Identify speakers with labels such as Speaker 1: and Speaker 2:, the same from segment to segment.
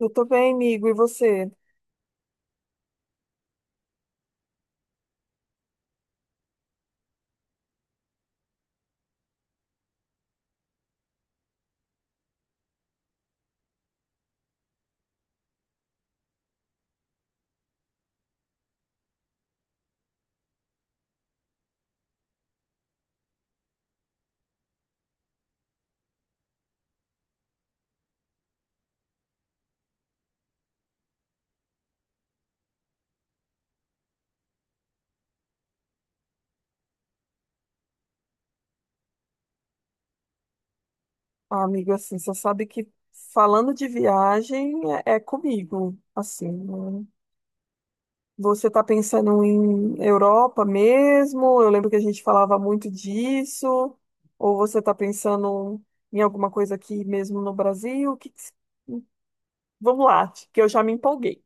Speaker 1: Eu tô bem, amigo. E você? Ah, amigo, assim, você sabe que falando de viagem é comigo, assim, né? Você tá pensando em Europa mesmo? Eu lembro que a gente falava muito disso. Ou você tá pensando em alguma coisa aqui mesmo no Brasil? Que Vamos lá, que eu já me empolguei.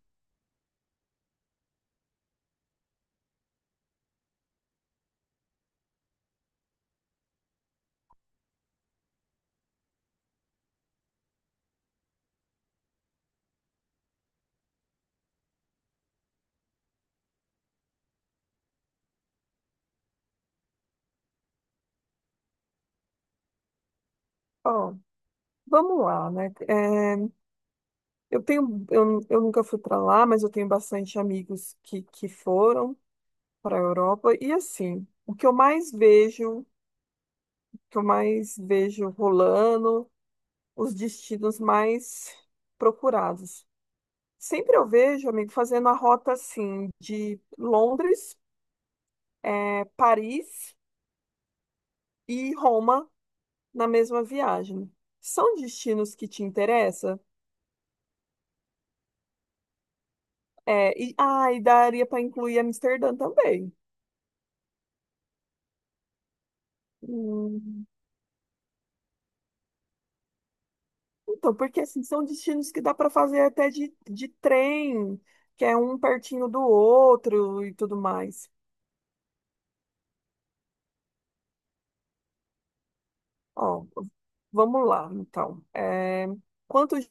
Speaker 1: Ó, vamos lá, né? É, eu nunca fui para lá, mas eu tenho bastante amigos que foram para a Europa. E assim, o que eu mais vejo rolando, os destinos mais procurados. Sempre eu vejo, amigo, fazendo a rota assim de Londres, Paris e Roma na mesma viagem. São destinos que te interessam? É, e daria para incluir Amsterdã também. Hum. Então, porque assim, são destinos que dá para fazer até de trem, que é um pertinho do outro e tudo mais. Ó, vamos lá, então. É, quantos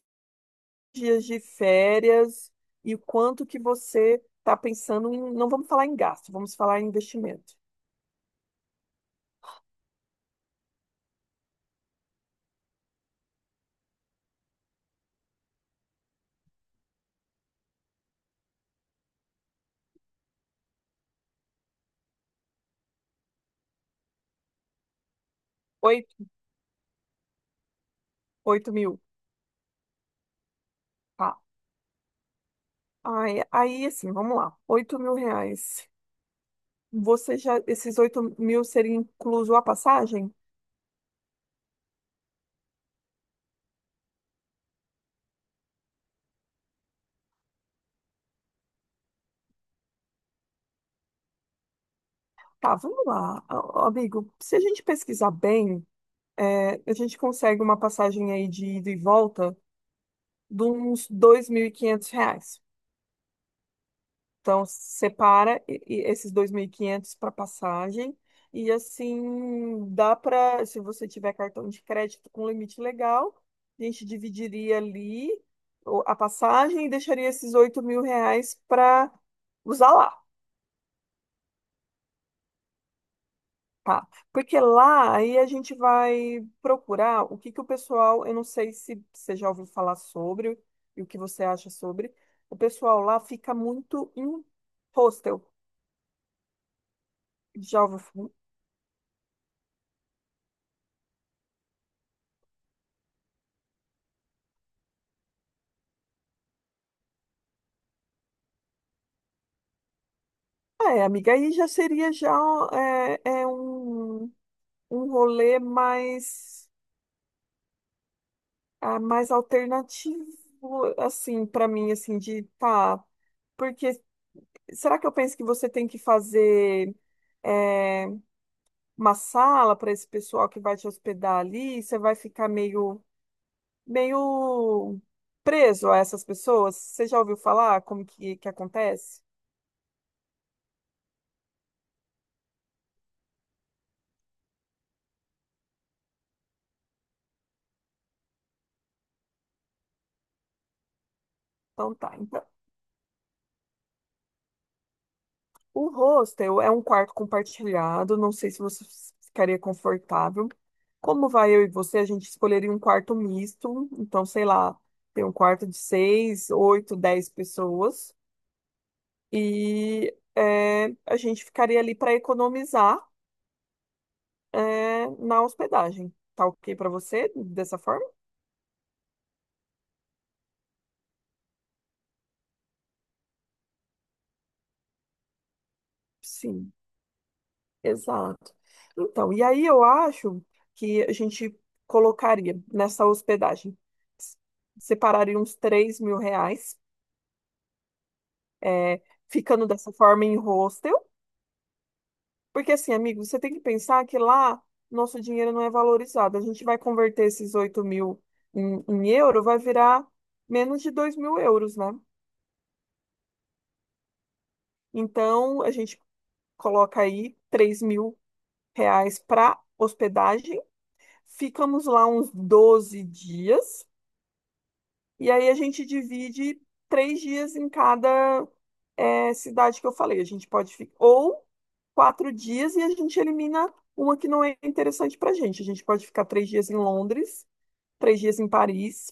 Speaker 1: dias de férias e o quanto que você está pensando em. Não vamos falar em gasto, vamos falar em investimento. Oito, oito mil. Tá. Aí, assim, vamos lá. Oito mil reais. Você já. Esses oito mil seria incluso a passagem? Tá, vamos lá, amigo. Se a gente pesquisar bem. É, a gente consegue uma passagem aí de ida e volta de uns 2.500 reais. Então, separa e esses 2.500 para passagem e assim dá para, se você tiver cartão de crédito com limite legal, a gente dividiria ali a passagem e deixaria esses 8 mil reais para usar lá. Tá, porque lá aí a gente vai procurar o que que o pessoal, eu não sei se você já ouviu falar sobre e o que você acha sobre. O pessoal lá fica muito em hostel. Já ouviu? Ah, é, amiga, aí já seria já é um rolê mais mais alternativo assim para mim assim de tá, porque será que eu penso que você tem que fazer é, uma sala para esse pessoal que vai te hospedar ali, você vai ficar meio, meio preso a essas pessoas. Você já ouviu falar como que acontece? Então tá. Então, o hostel é um quarto compartilhado, não sei se você ficaria confortável. Como vai eu e você, a gente escolheria um quarto misto, então sei lá, tem um quarto de seis, oito, dez pessoas. E a gente ficaria ali para economizar na hospedagem. Tá ok para você dessa forma? Sim, exato. Então, e aí eu acho que a gente colocaria nessa hospedagem, s- separaria uns 3 mil reais, é, ficando dessa forma em hostel, porque assim, amigo, você tem que pensar que lá nosso dinheiro não é valorizado. A gente vai converter esses 8 mil em euro, vai virar menos de 2 mil euros, né? Então, a gente coloca aí 3.000 reais para hospedagem. Ficamos lá uns 12 dias e aí a gente divide três dias em cada cidade que eu falei. A gente pode ficar ou quatro dias e a gente elimina uma que não é interessante para a gente. A gente pode ficar três dias em Londres, três dias em Paris,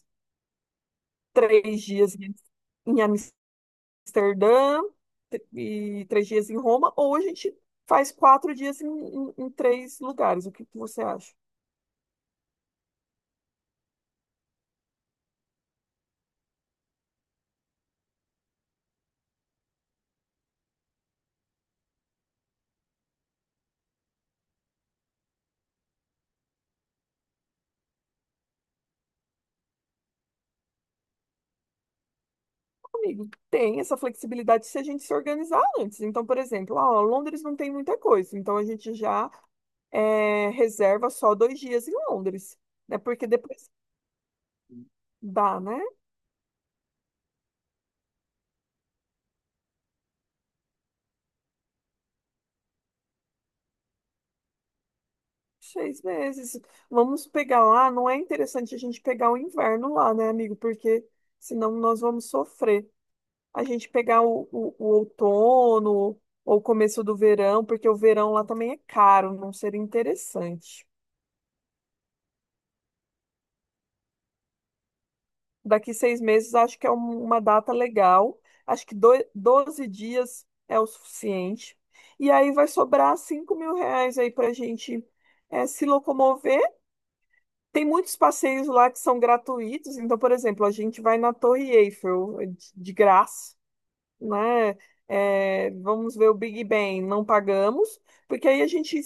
Speaker 1: três dias em em Amsterdã e três dias em Roma, ou a gente faz quatro dias em três lugares. O que que você acha? Amigo, tem essa flexibilidade se a gente se organizar antes. Então, por exemplo, ó, Londres não tem muita coisa, então a gente já reserva só dois dias em Londres, né? Porque depois dá, né? Seis meses. Vamos pegar lá, não é interessante a gente pegar o inverno lá, né, amigo? Porque senão nós vamos sofrer. A gente pegar o outono ou o começo do verão, porque o verão lá também é caro, não seria interessante. Daqui seis meses, acho que é uma data legal. Acho que 12 dias é o suficiente. E aí vai sobrar 5 mil reais aí para a gente se locomover. Tem muitos passeios lá que são gratuitos. Então, por exemplo, a gente vai na Torre Eiffel de graça, né? Vamos ver o Big Ben, não pagamos, porque aí a gente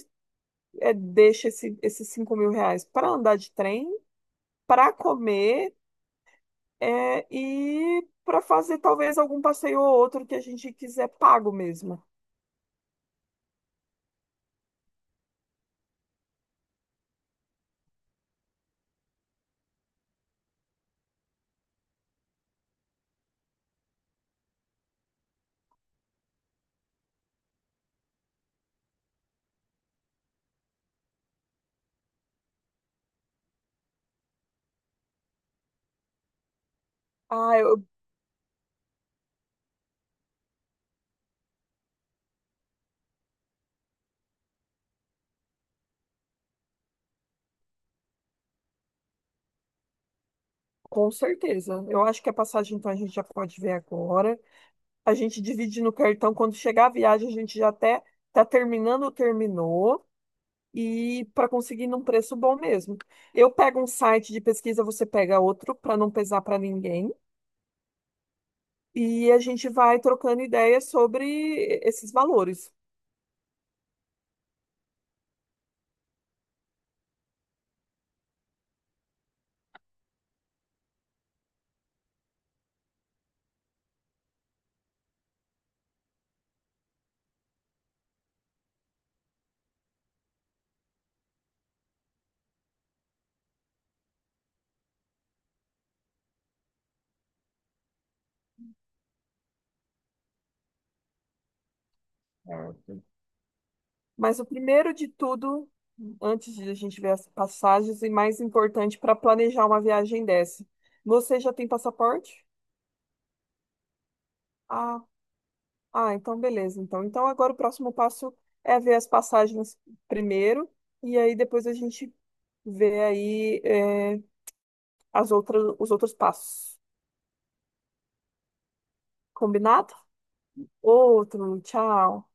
Speaker 1: deixa esses 5 mil reais para andar de trem, para comer e para fazer talvez algum passeio ou outro que a gente quiser pago mesmo. Ah, com certeza. Eu acho que a passagem então a gente já pode ver agora. A gente divide no cartão. Quando chegar a viagem, a gente já até tá terminando ou terminou. E para conseguir num preço bom mesmo. Eu pego um site de pesquisa, você pega outro para não pesar para ninguém. E a gente vai trocando ideias sobre esses valores. Mas o primeiro de tudo, antes de a gente ver as passagens, e mais importante para planejar uma viagem dessa. Você já tem passaporte? Ah, ah, então beleza. Então, agora o próximo passo é ver as passagens primeiro, e aí depois a gente vê aí os outros passos. Combinado? Outro, tchau.